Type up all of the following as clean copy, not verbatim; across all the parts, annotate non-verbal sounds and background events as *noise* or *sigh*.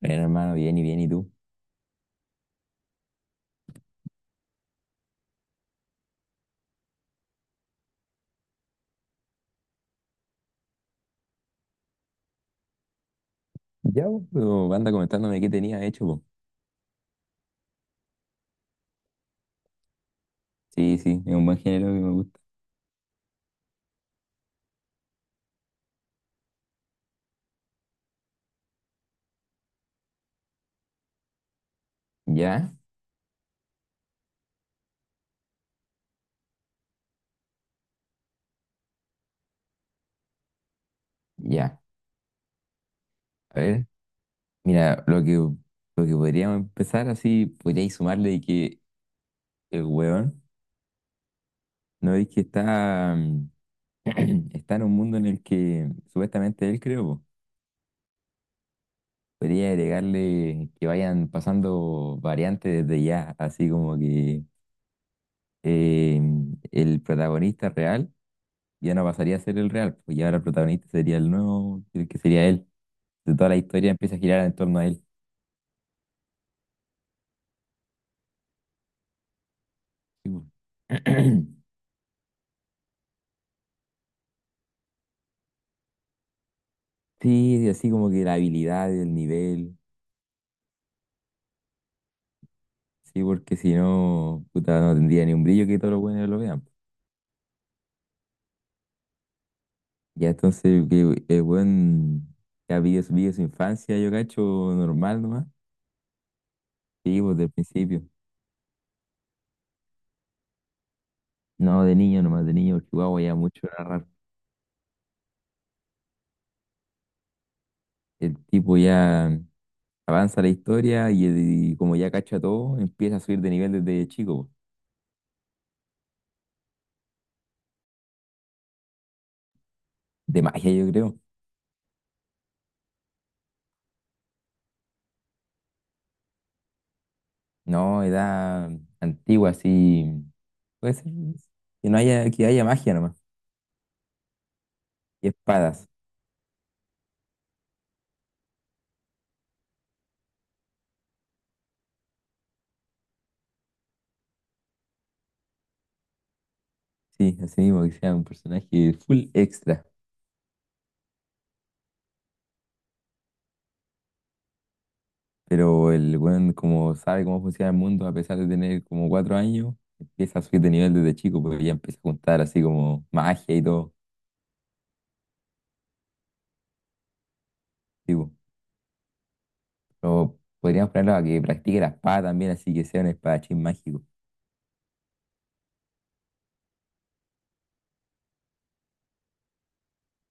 Bueno, hermano, bien y bien, ¿y tú? Ya, vos, pero anda comentándome qué tenías hecho, po. Sí, sí, es un buen género que me gusta. Ya, ya. A ver, mira, lo que podríamos empezar así, podríais sumarle de que el huevón, ¿no? Es que está, *clears throat* está en un mundo en el que supuestamente él creo po. Podría agregarle que vayan pasando variantes desde ya, así como que eh, el protagonista real ya no pasaría a ser el real, pues ya ahora el protagonista sería el nuevo, el que sería él. De toda la historia empieza a girar en torno a él. Sí, po. *clears throat* Sí, así como que la habilidad, el nivel, sí, porque si no, puta, no tendría ni un brillo que todos los buenos lo vean, pues. Ya entonces, que el buen ya vive su infancia, yo cacho, normal nomás. Sí, pues del principio. No, de niño nomás, de niño, porque guau, ya mucho narrar. El tipo ya avanza la historia y como ya cacha todo, empieza a subir de nivel desde chico, pues. De magia, yo creo. No, edad antigua, así. Puede ser que no haya, que haya magia nomás. Y espadas. Sí, así mismo, que sea un personaje full extra. Pero el weón, como sabe cómo funciona el mundo, a pesar de tener como cuatro años, empieza a subir de nivel desde chico, porque ya empieza a juntar así como magia y todo. Tipo. Pero podríamos ponerlo a que practique la espada también, así que sea un espadachín mágico.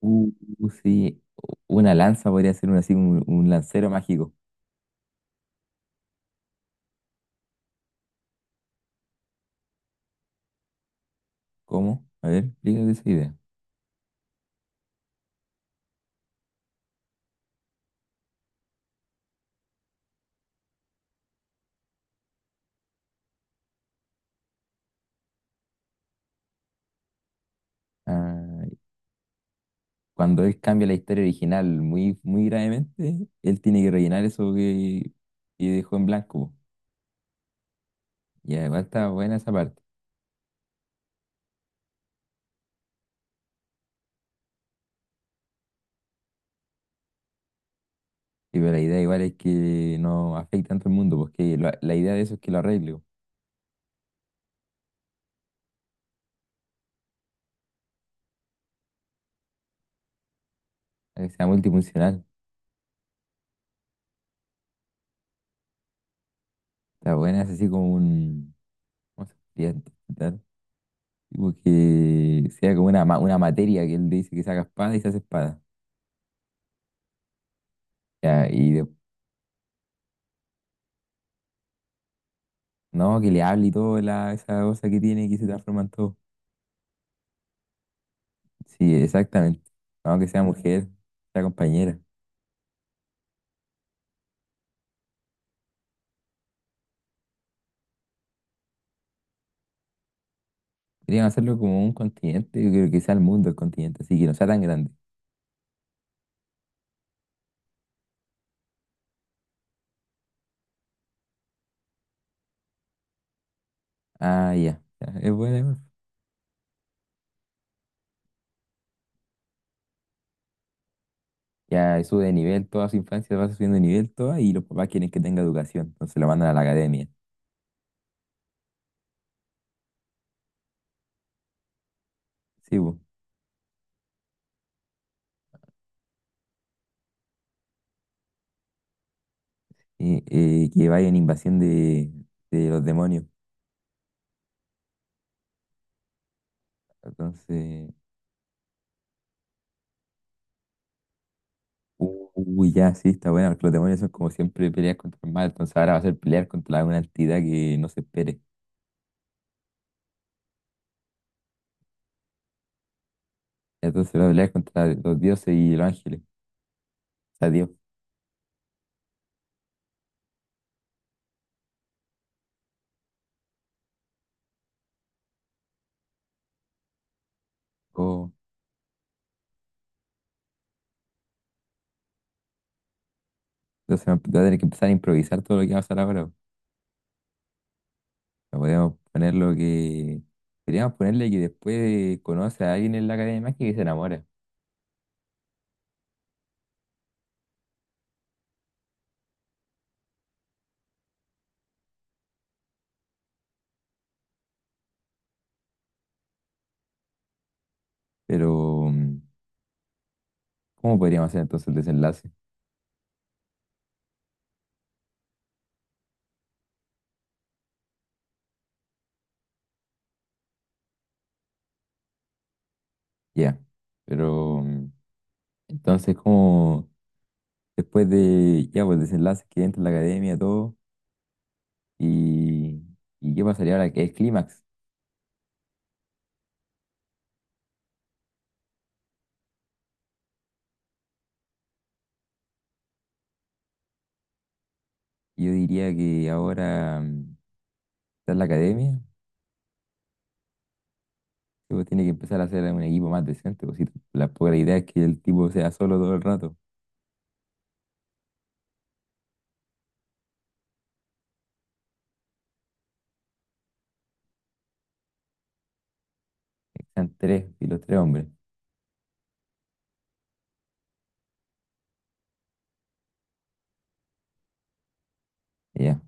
Uh, sí. Una lanza podría ser un, así, un lancero mágico. ¿Cómo? A ver, explícate esa idea. Ah, cuando él cambia la historia original muy, muy gravemente, él tiene que rellenar eso que dejó en blanco. Y además está buena esa parte. Sí, pero la idea igual es que no afecte tanto al mundo, porque la idea de eso es que lo arregle, po, para que sea multifuncional. Está buena, es así como un... ¿Cómo se podría interpretar? Tipo que sea como una, una materia que él dice que saca espada y se hace espada. Ya, no, que le hable y todo la, esa cosa que tiene que se transforma en todo. Sí, exactamente. Vamos que sea mujer, sea compañera. Querían hacerlo como un continente, yo creo que sea el mundo el continente, así que no sea tan grande. Ah, ya. Ya, es buena, igual. Ya sube de nivel toda su infancia, va subiendo de nivel toda y los papás quieren que tenga educación, entonces lo mandan a la academia. Sí, po. Y que vaya en invasión de los demonios. Entonces, uy, ya, sí, está buena, porque los demonios son como siempre pelear contra el mal, entonces ahora va a ser pelear contra una entidad que no se espere. Entonces va a pelear contra los dioses y los ángeles. Sea, tiempo. Entonces va a tener que empezar a improvisar todo lo que va a pasar ahora. No podemos poner lo que. Podríamos ponerle que después conoce a alguien en la Academia de Magia y se enamora. Pero, ¿cómo podríamos hacer entonces el desenlace? Ya. Pero, entonces, ¿cómo? Después de. Ya, pues el desenlace que entra en la Academia, todo. Y. ¿Y qué pasaría ahora, que es clímax? Yo diría que ahora está en la Academia. Sí, pues tiene que empezar a hacer un equipo más decente, pues si la pobre idea es que el tipo sea solo todo el rato. Están tres y los tres hombres. Ya.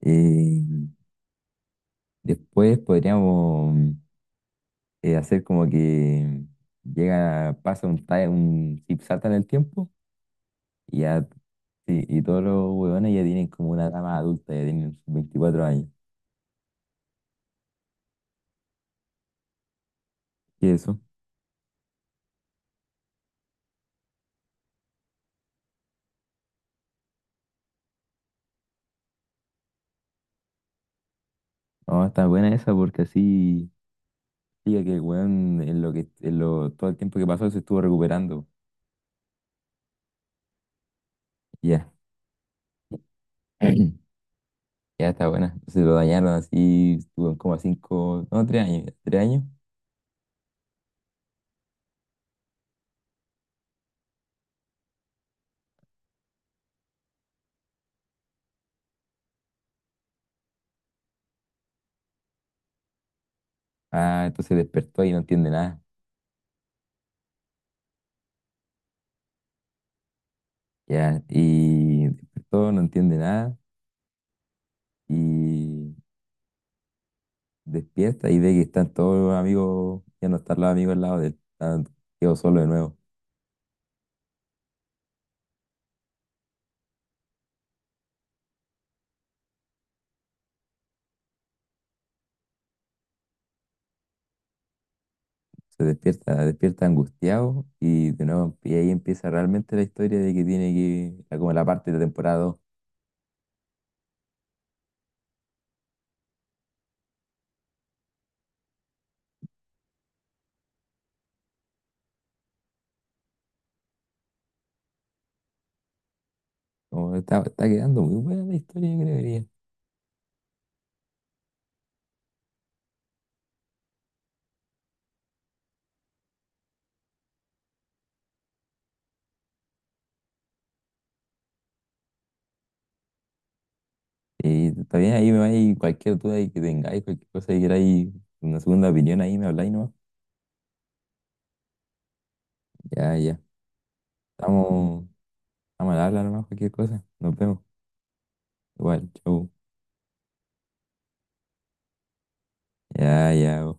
Eh, Después podríamos hacer como que llega, pasa un time, un zip salta en el tiempo y ya, sí, y todos los huevones ya tienen como una edad más adulta, ya tienen sus 24 años. ¿Y eso? No, está buena esa porque así diga que el hueón en lo que todo el tiempo que pasó se estuvo recuperando. Ya. *clears throat* Ya está buena. Se lo dañaron así, estuvo como a cinco, no, tres años, tres años. Ah, entonces despertó y no entiende nada. Ya, y despertó, no entiende nada. Y despierta y ve que están todos los amigos, ya no están los amigos al lado de él. Está- quedó solo de nuevo. Se despierta, despierta angustiado y de nuevo, y ahí empieza realmente la historia de que tiene que, como la parte de la temporada 2. Como está, está quedando muy buena la historia, yo creería. Está bien, ahí me vais cualquier duda ahí que tengáis, cualquier cosa que queráis, una segunda opinión ahí me habláis nomás. Ya, ya. Estamos, estamos al habla nomás, cualquier cosa. Nos vemos. Igual, chau. Ya, ya.